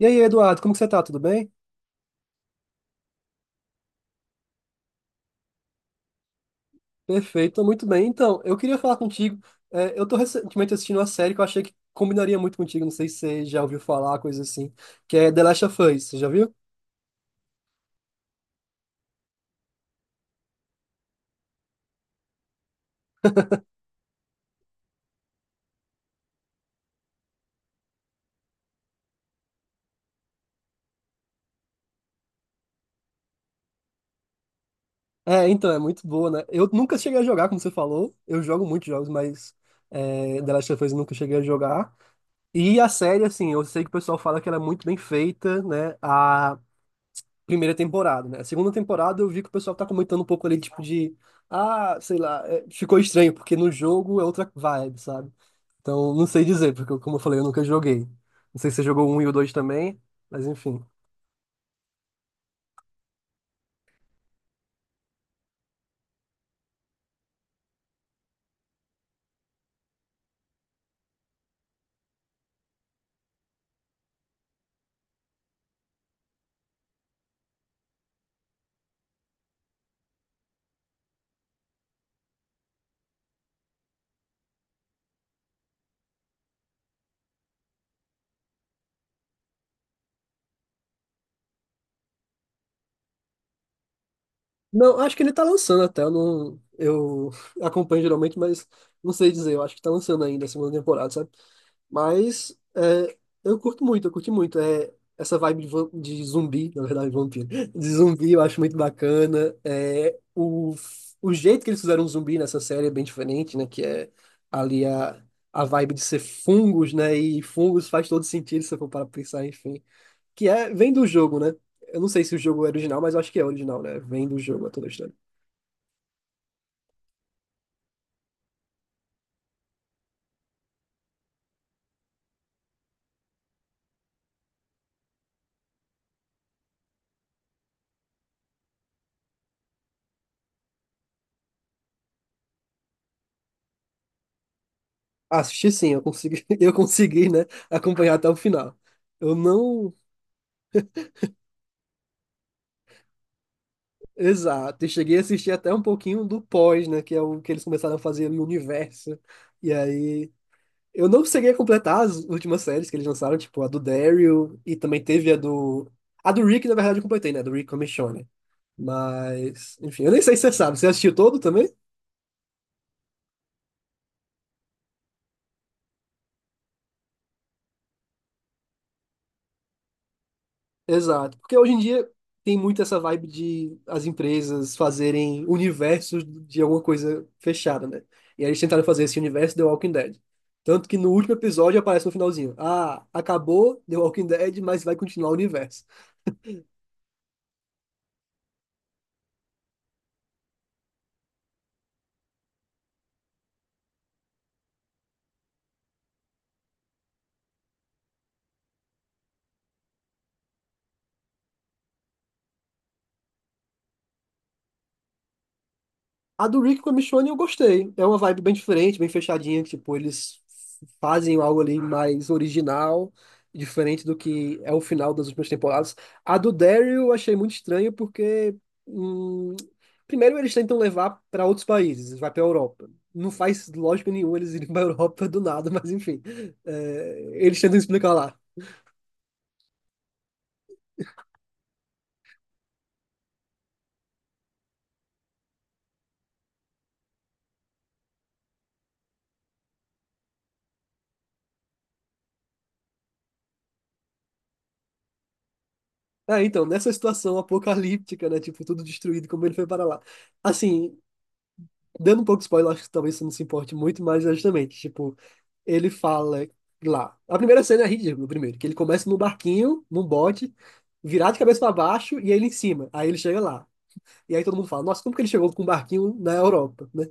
E aí, Eduardo, como que você tá? Tudo bem? Perfeito, tô muito bem. Então, eu queria falar contigo. Eu tô recentemente assistindo uma série que eu achei que combinaria muito contigo. Não sei se você já ouviu falar, coisa assim, que é The Last of Us. Você já viu? É, então, é muito boa, né? Eu nunca cheguei a jogar, como você falou. Eu jogo muitos jogos, mas The Last of Us eu nunca cheguei a jogar. E a série, assim, eu sei que o pessoal fala que ela é muito bem feita, né? A primeira temporada, né? A segunda temporada eu vi que o pessoal tá comentando um pouco ali, tipo, de. Ah, sei lá, ficou estranho, porque no jogo é outra vibe, sabe? Então, não sei dizer, porque, como eu falei, eu nunca joguei. Não sei se você jogou o um e o dois também, mas enfim. Não, acho que ele tá lançando até, eu não. Eu acompanho geralmente, mas não sei dizer, eu acho que tá lançando ainda a segunda temporada, sabe? Mas é, eu curto muito, eu curti muito. É, essa vibe de, de zumbi, na verdade, vampiro. De zumbi eu acho muito bacana. O jeito que eles fizeram o zumbi nessa série é bem diferente, né? Que é ali a vibe de ser fungos, né? E fungos faz todo sentido se eu for para pensar, enfim. Que é, vem do jogo, né? Eu não sei se o jogo é original, mas eu acho que é original, né? Vem do jogo, é toda a história. Assisti sim, eu consegui, eu consegui, né? Acompanhar até o final. Eu não. Exato, e cheguei a assistir até um pouquinho do pós, né, que é o que eles começaram a fazer no universo. E aí, eu não cheguei a completar as últimas séries que eles lançaram, tipo a do Daryl e também teve a do Rick, na verdade eu completei, né, do Rick Commissione. Mas, enfim, eu nem sei se você sabe, você assistiu todo também? Exato, porque hoje em dia tem muito essa vibe de as empresas fazerem universos de alguma coisa fechada, né? E aí eles tentaram fazer esse universo The Walking Dead. Tanto que no último episódio aparece no finalzinho: Ah, acabou The Walking Dead, mas vai continuar o universo. A do Rick com a Michonne eu gostei. É uma vibe bem diferente, bem fechadinha. Tipo, eles fazem algo ali mais original, diferente do que é o final das últimas temporadas. A do Daryl eu achei muito estranho porque, hum, primeiro, eles tentam levar para outros países, vai para a Europa. Não faz lógica nenhuma eles irem para a Europa do nada, mas enfim, eles tentam explicar lá. Ah, então, nessa situação apocalíptica, né? Tipo, tudo destruído, como ele foi para lá. Assim, dando um pouco de spoiler, acho que talvez você não se importe muito, mas é justamente, tipo, ele fala lá. A primeira cena é ridícula, primeiro, que ele começa no barquinho, num bote, virado de cabeça para baixo e ele em cima. Aí ele chega lá. E aí todo mundo fala, nossa, como que ele chegou com um barquinho na Europa, né?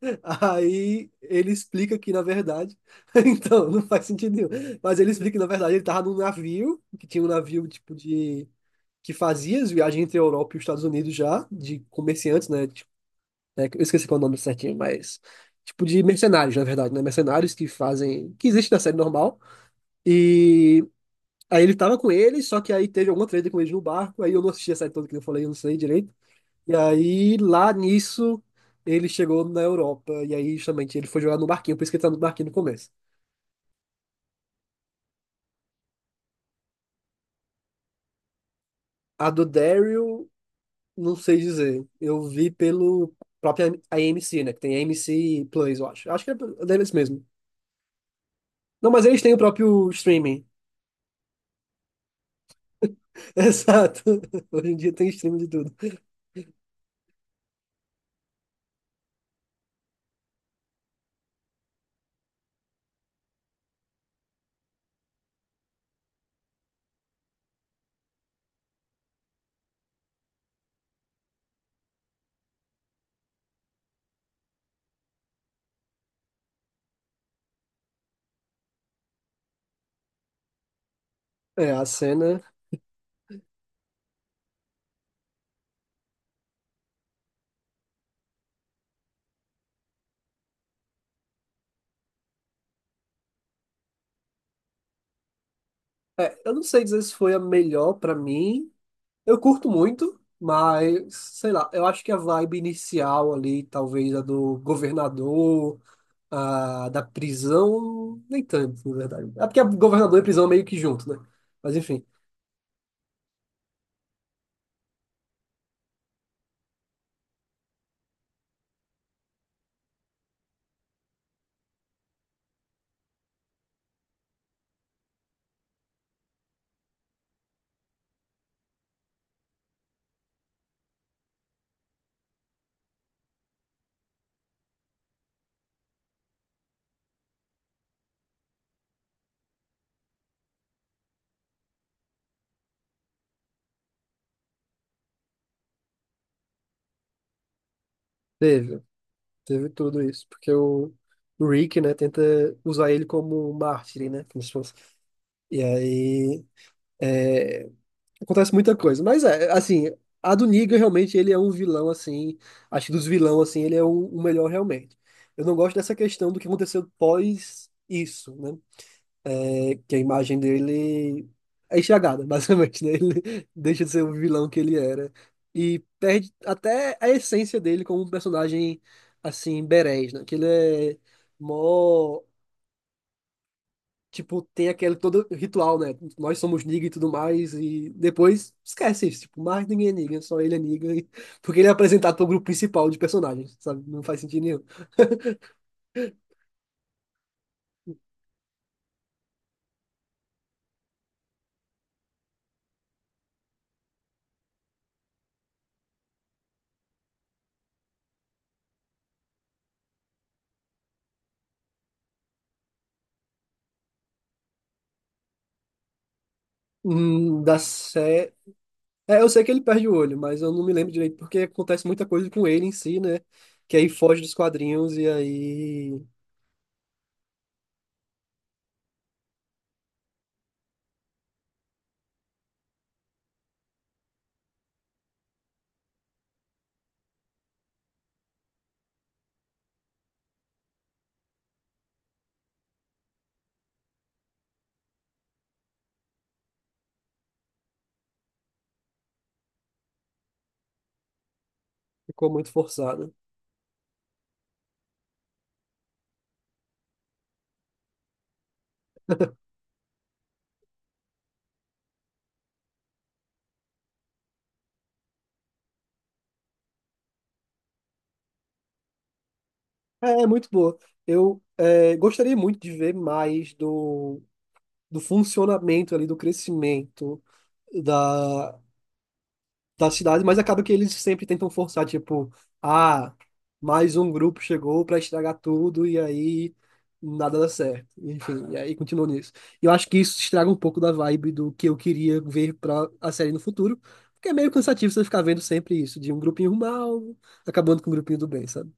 Aí ele explica que, na verdade, então, não faz sentido nenhum. Mas ele explica que, na verdade, ele tava num navio, que tinha um navio, tipo, de... que fazia as viagens entre a Europa e os Estados Unidos já, de comerciantes, né? De né, que eu esqueci qual é o nome certinho, mas tipo de mercenários, na verdade, né? Mercenários que fazem, que existe na série normal. E aí ele tava com eles, só que aí teve alguma treta com eles no barco, aí eu não assisti a série toda que eu falei, eu não sei direito. E aí lá nisso ele chegou na Europa e aí justamente ele foi jogar no barquinho, por isso que ele tá no barquinho no começo. A do Daryl, não sei dizer. Eu vi pelo próprio AMC, né? Que tem AMC Plus, eu acho. Acho que é deles mesmo. Não, mas eles têm o próprio streaming. Exato. Hoje em dia tem streaming de tudo. É, a cena. Eu não sei dizer se foi a melhor pra mim. Eu curto muito, mas sei lá. Eu acho que a vibe inicial ali, talvez a do governador, a da prisão, nem tanto, na verdade. É porque a governador e a prisão é meio que junto, né? Mas enfim, teve. Teve tudo isso. Porque o Rick, né, tenta usar ele como mártir, né? Como se fosse. E aí. é, Acontece muita coisa. Mas é, assim, a do Negan realmente ele é um vilão, assim. Acho que dos vilão, assim, ele é o melhor realmente. Eu não gosto dessa questão do que aconteceu pós isso, né? É que a imagem dele é enxagada, basicamente, né? Ele deixa de ser o vilão que ele era. E perde até a essência dele como um personagem, assim, berés, né? Que ele é. Mó tipo, tem aquele todo ritual, né? Nós somos Negan e tudo mais, e depois esquece isso, tipo, mais ninguém é Negan, só ele é Negan, porque ele é apresentado pro grupo principal de personagens, sabe? Não faz sentido nenhum. Da série... É, eu sei que ele perde o olho, mas eu não me lembro direito, porque acontece muita coisa com ele em si, né? Que aí foge dos quadrinhos e aí ficou muito forçado. É, é muito boa. Gostaria muito de ver mais do, do funcionamento ali, do crescimento da, da cidade, mas acaba que eles sempre tentam forçar, tipo, ah, mais um grupo chegou pra estragar tudo e aí nada dá certo. Enfim, e aí continuou nisso. E eu acho que isso estraga um pouco da vibe do que eu queria ver pra a série no futuro, porque é meio cansativo você ficar vendo sempre isso, de um grupinho mal acabando com um grupinho do bem, sabe?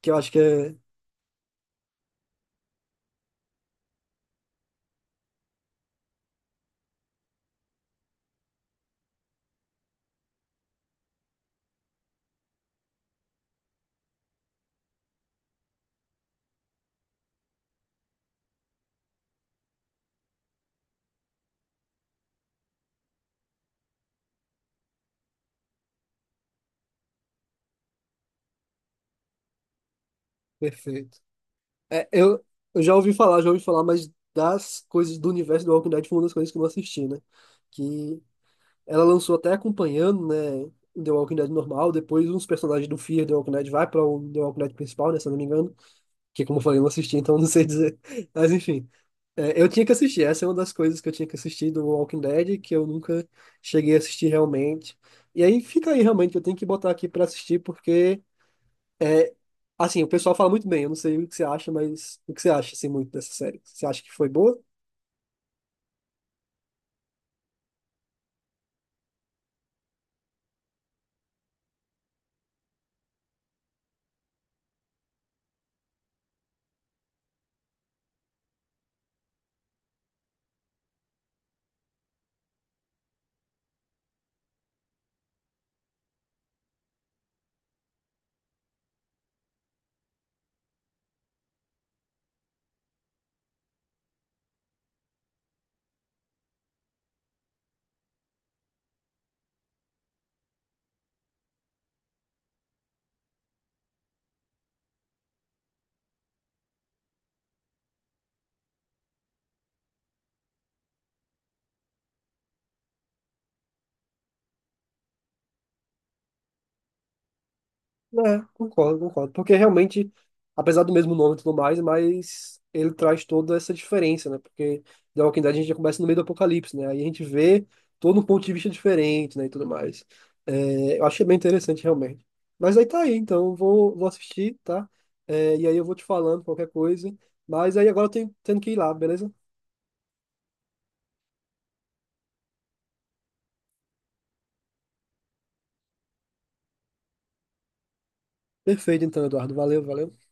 Que eu acho que é perfeito. É, eu já ouvi falar, mas das coisas do universo do Walking Dead foi uma das coisas que eu não assisti, né? Que ela lançou até acompanhando, né, The Walking Dead normal, depois uns personagens do Fear The Walking Dead vai para o The Walking Dead principal, né, se eu não me engano, que como eu falei, eu não assisti, então não sei dizer. Mas enfim, é, eu tinha que assistir, essa é uma das coisas que eu tinha que assistir do Walking Dead, que eu nunca cheguei a assistir realmente. E aí fica aí realmente, eu tenho que botar aqui para assistir, porque, é, assim, o pessoal fala muito bem, eu não sei o que você acha, mas o que você acha, assim, muito dessa série? Você acha que foi boa? É, concordo, concordo. Porque realmente, apesar do mesmo nome e tudo mais, mas ele traz toda essa diferença, né? Porque The Walking Dead a gente já começa no meio do apocalipse, né? Aí a gente vê todo um ponto de vista diferente, né? E tudo mais. É, eu achei bem interessante, realmente. Mas aí tá aí, então vou, vou assistir, tá? É, e aí eu vou te falando qualquer coisa. Mas aí agora eu tenho, tendo que ir lá, beleza? Perfeito, então, Eduardo. Valeu, valeu.